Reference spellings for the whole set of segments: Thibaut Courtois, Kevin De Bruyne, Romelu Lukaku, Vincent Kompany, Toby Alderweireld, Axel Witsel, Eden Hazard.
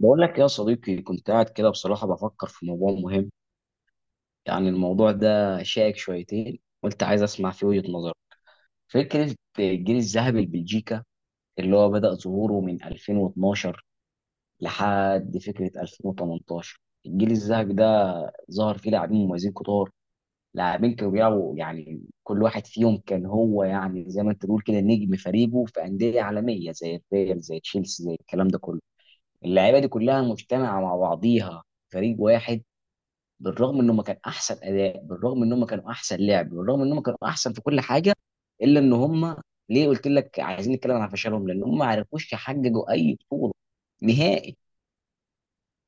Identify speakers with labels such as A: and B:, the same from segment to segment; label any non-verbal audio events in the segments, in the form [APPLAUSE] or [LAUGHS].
A: بقول لك يا صديقي، كنت قاعد كده بصراحة بفكر في موضوع مهم. يعني الموضوع ده شائك شويتين، وانت عايز اسمع فيه وجهة نظرك. فكرة الجيل الذهبي لبلجيكا اللي هو بدأ ظهوره من 2012 لحد فكرة 2018. الجيل الذهبي ده ظهر فيه لاعبين مميزين كتار. لاعبين كانوا بيلعبوا، يعني كل واحد فيهم كان هو يعني زي ما انت تقول كده نجم فريقه في أندية عالمية زي الريال زي تشيلسي زي الكلام ده كله. اللعيبة دي كلها مجتمعة مع بعضيها فريق واحد. بالرغم ان هم كان احسن اداء، بالرغم ان هم كانوا احسن لعب، بالرغم ان هم كانوا احسن في كل حاجه، الا ان هم... ليه قلت لك عايزين نتكلم عن فشلهم؟ لان هم ما عرفوش يحققوا اي بطوله نهائي.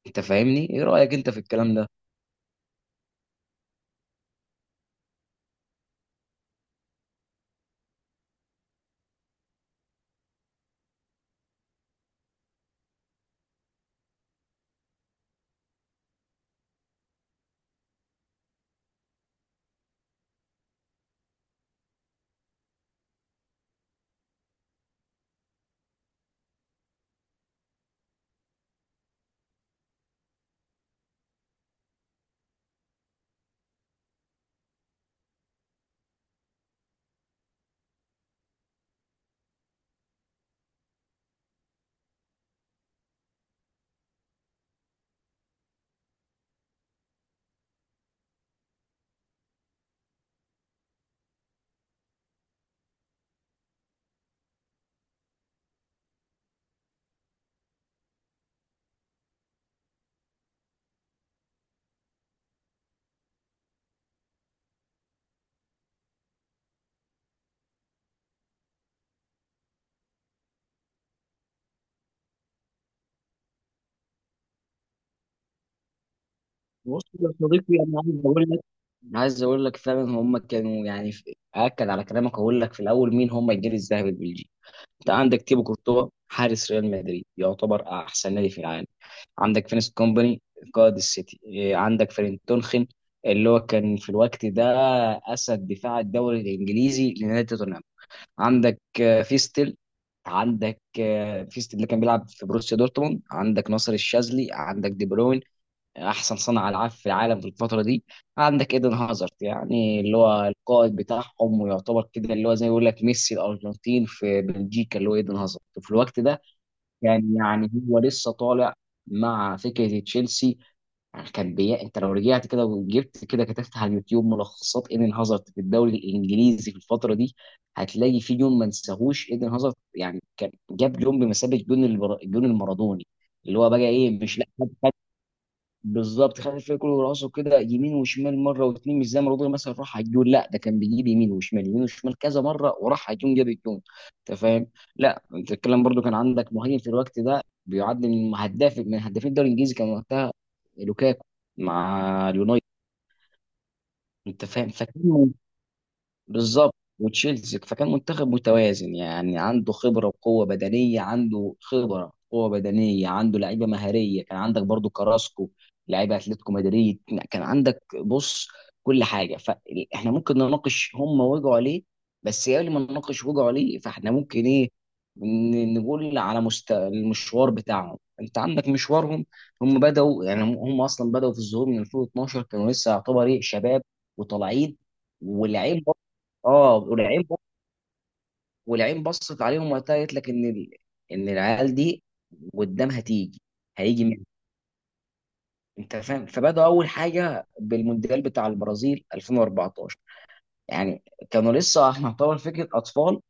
A: انت فاهمني؟ ايه رايك انت في الكلام ده؟ بص يا صديقي، انا عايز اقول لك، عايز اقول لك فعلا هم كانوا يعني اكد على كلامك. اقول لك في الاول مين هم الجيل الذهبي البلجيكي. انت عندك تيبو كورتوا حارس ريال مدريد، يعتبر احسن نادي في العالم. عندك فينيس كومباني قائد السيتي. عندك فرين تونخن اللي هو كان في الوقت ده اسد دفاع الدوري الانجليزي لنادي توتنهام. عندك فيستل. عندك فيستل اللي كان بيلعب في بروسيا دورتموند. عندك ناصر الشاذلي. عندك دي بروين، احسن صانع العاب في العالم في الفتره دي. عندك ايدن هازارد، يعني اللي هو القائد بتاعهم ويعتبر كده اللي هو زي ما يقول لك ميسي الارجنتين في بلجيكا اللي هو ايدن هازارد. وفي الوقت ده كان يعني هو لسه طالع مع فكره تشيلسي. يعني كان انت لو رجعت كده وجبت كده كتبت على اليوتيوب ملخصات ايدن هازارد في الدوري الانجليزي في الفتره دي، هتلاقي في جون ما نساهوش ايدن هازارد. يعني كان جاب جون بمثابه جون جون المارادوني اللي هو بقى ايه مش لا. بالظبط، خد الفريق كله وراسه كده يمين وشمال مره واثنين. مش زي ما رودري مثلا راح على الجون، لا ده كان بيجيب يمين وشمال يمين وشمال كذا مره وراح على الجون جاب الجون. انت فاهم؟ لا انت الكلام برضو، كان عندك مهاجم في الوقت ده بيعد من هداف من هدافين الدوري الانجليزي، كان وقتها لوكاكو مع اليونايتد. انت فاهم؟ فكان بالظبط وتشيلسي. فكان منتخب متوازن، يعني عنده خبره وقوه بدنيه، عنده خبره قوه بدنيه، عنده لعيبه مهاريه. كان عندك برضو كراسكو لعيبه اتلتيكو مدريد. كان عندك بص كل حاجه. فاحنا ممكن نناقش هم وجعوا ليه، بس قبل ما نناقش وجعوا ليه، فاحنا ممكن ايه نقول على المشوار بتاعهم. انت عندك مشوارهم. هم بدأوا، يعني هم اصلا بدأوا في الظهور من 2012، كانوا لسه يعتبر ايه شباب وطالعين. اه والعين والعين بصت عليهم وقتها قالت لك ان ان العيال دي قدامها تيجي هيجي مين. انت فاهم؟ فبدأوا اول حاجه بالمونديال بتاع البرازيل 2014. يعني كانوا لسه [LAUGHS] يعتبر فكره اطفال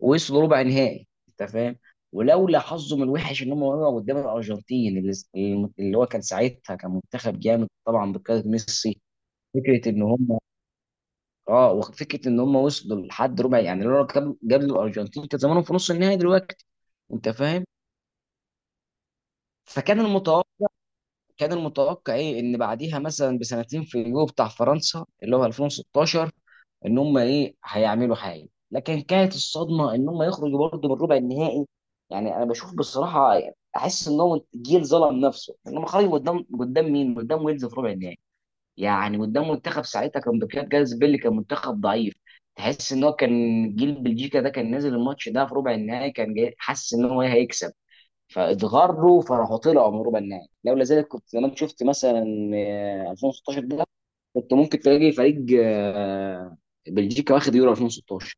A: ووصلوا ربع نهائي. انت فاهم؟ ولولا حظهم الوحش ان هم وقعوا قدام الارجنتين اللي هو كان ساعتها كان منتخب جامد طبعا بقياده ميسي. فكره ان هم اه وفكره ان هم وصلوا لحد ربع، يعني لو كانوا قبل الارجنتين كان زمانهم في نص النهائي دلوقتي. انت فاهم؟ فكان المتوقع، كان المتوقع ايه ان بعديها مثلا بسنتين في اليورو بتاع فرنسا اللي هو 2016 ان هم ايه هيعملوا حاجه، لكن كانت الصدمه ان هم يخرجوا برضه من ربع النهائي. يعني انا بشوف بصراحه، احس ان هو جيل ظلم نفسه ان هم خرجوا قدام مين؟ قدام ويلز في ربع النهائي. يعني قدام منتخب ساعتها كان بكاد جاز بيلي كان منتخب ضعيف. تحس ان هو كان جيل بلجيكا ده كان نازل الماتش ده في ربع النهائي كان جاي حاسس ان هو هيكسب. فاتغروا فراحوا طلعوا من ربع النهائي. لولا ذلك كنت زمان شفت مثلا 2016 ده، كنت ممكن تلاقي فريق بلجيكا واخد يورو 2016.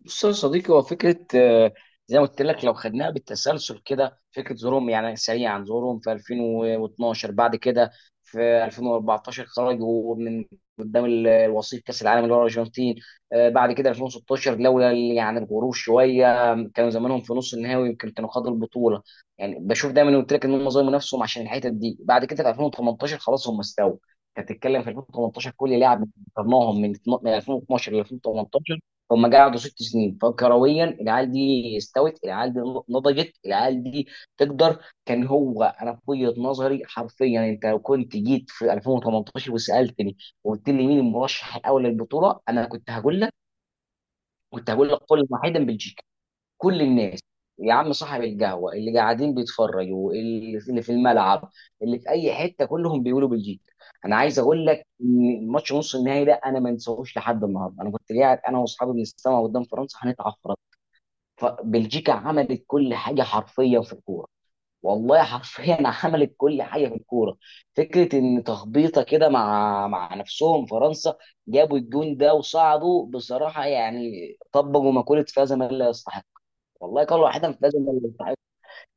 A: بص يا صديقي، هو فكره زي ما قلت لك لو خدناها بالتسلسل كده، فكره ظهورهم يعني سريعا ظهورهم في 2012، بعد كده في 2014 خرجوا من قدام الوصيف كاس العالم اللي هو الارجنتين. بعد كده 2016 لولا يعني الغرور شويه كانوا زمانهم في نص النهائي ويمكن كانوا خدوا البطوله. يعني بشوف دايما قلت لك ان هم ظلموا نفسهم عشان الحته دي. بعد كده في 2018 خلاص هم استووا. انت بتتكلم في 2018 كل لاعب قارناهم من من 2012 ل 2018، هم قعدوا 6 سنين. فكرويا العيال دي استوت، العيال دي نضجت، العيال دي تقدر. كان هو انا في وجهه نظري حرفيا انت لو كنت جيت في 2018 وسالتني وقلت لي مين المرشح الاول للبطوله، انا كنت هقول لك، كنت هقول لك قول واحدا بلجيكا. كل الناس، يا عم صاحب القهوه اللي قاعدين بيتفرجوا، اللي في الملعب، اللي في اي حته، كلهم بيقولوا بلجيكا. انا عايز اقول لك ان ماتش نص النهائي ده انا ما انساهوش لحد النهارده. انا كنت قاعد انا واصحابي بنستمع قدام فرنسا هنتعفرط. فبلجيكا عملت كل حاجه حرفيا في الكوره، والله حرفيا [LAUGHS] عملت كل حاجه في الكوره. فكره ان تخبيطه كده مع نفسهم فرنسا جابوا الجون ده وصعدوا بصراحه. يعني طبقوا مقوله فاز من لا يستحق. والله قالوا واحدة مش لازم اللي يستحق.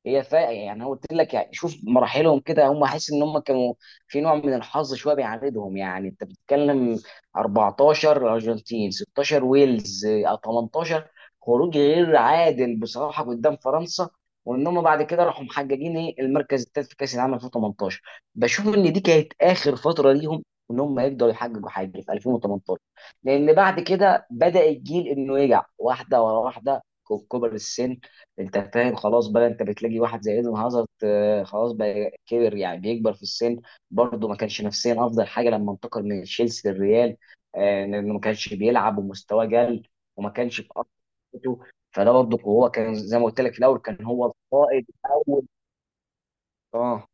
A: هي فا يعني أنا قلت لك، يعني شوف مراحلهم كده، هم حاسس ان هم كانوا في نوع من الحظ شويه بيعاندهم. يعني انت بتتكلم 14 الارجنتين، 16 ويلز، 18 خروج غير عادل بصراحه قدام فرنسا. وان هم بعد كده راحوا محققين ايه المركز الثالث في كاس العالم 2018. بشوف ان دي كانت اخر فتره ليهم ان هم يقدروا يحققوا حاجه في 2018، لان بعد كده بدا الجيل انه يرجع واحده ورا واحده كبر السن. انت فاهم خلاص بقى؟ انت بتلاقي واحد زي ايدن هازارد خلاص بقى كبر، يعني بيكبر في السن. برضه ما كانش نفسيا افضل حاجه لما انتقل من تشيلسي للريال، لانه ما كانش بيلعب ومستواه قل وما كانش في أفضل حالاته. فده برضه هو كان زي ما قلت لك في الاول كان هو القائد الاول. اه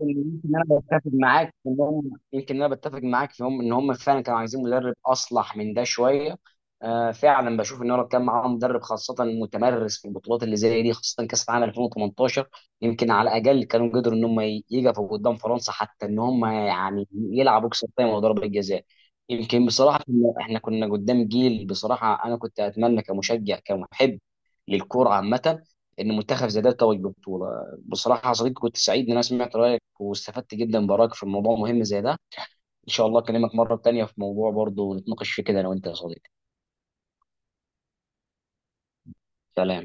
A: يمكن انا بتفق معاك في ان هم، يمكن انا بتفق معاك في هم ان هم فعلا كانوا عايزين مدرب اصلح من ده شويه. فعلا بشوف ان هو لو كان معاهم مدرب خاصه متمرس في البطولات اللي زي دي خاصه كاس العالم 2018، يمكن على الاقل كانوا قدروا ان هم يقفوا قدام فرنسا حتى ان هم يعني يلعبوا كسر تايم وضربه جزاء. يمكن بصراحه احنا كنا قدام جيل. بصراحه انا كنت اتمنى كمشجع كمحب للكوره عامه ان منتخب زي ده يتوج ببطوله. بصراحه يا صديقي، كنت سعيد ان انا سمعت رايك واستفدت جدا برايك في الموضوع مهم زي ده. ان شاء الله اكلمك مره تانية في موضوع برضه نتناقش فيه كده انا وانت يا صديقي. سلام.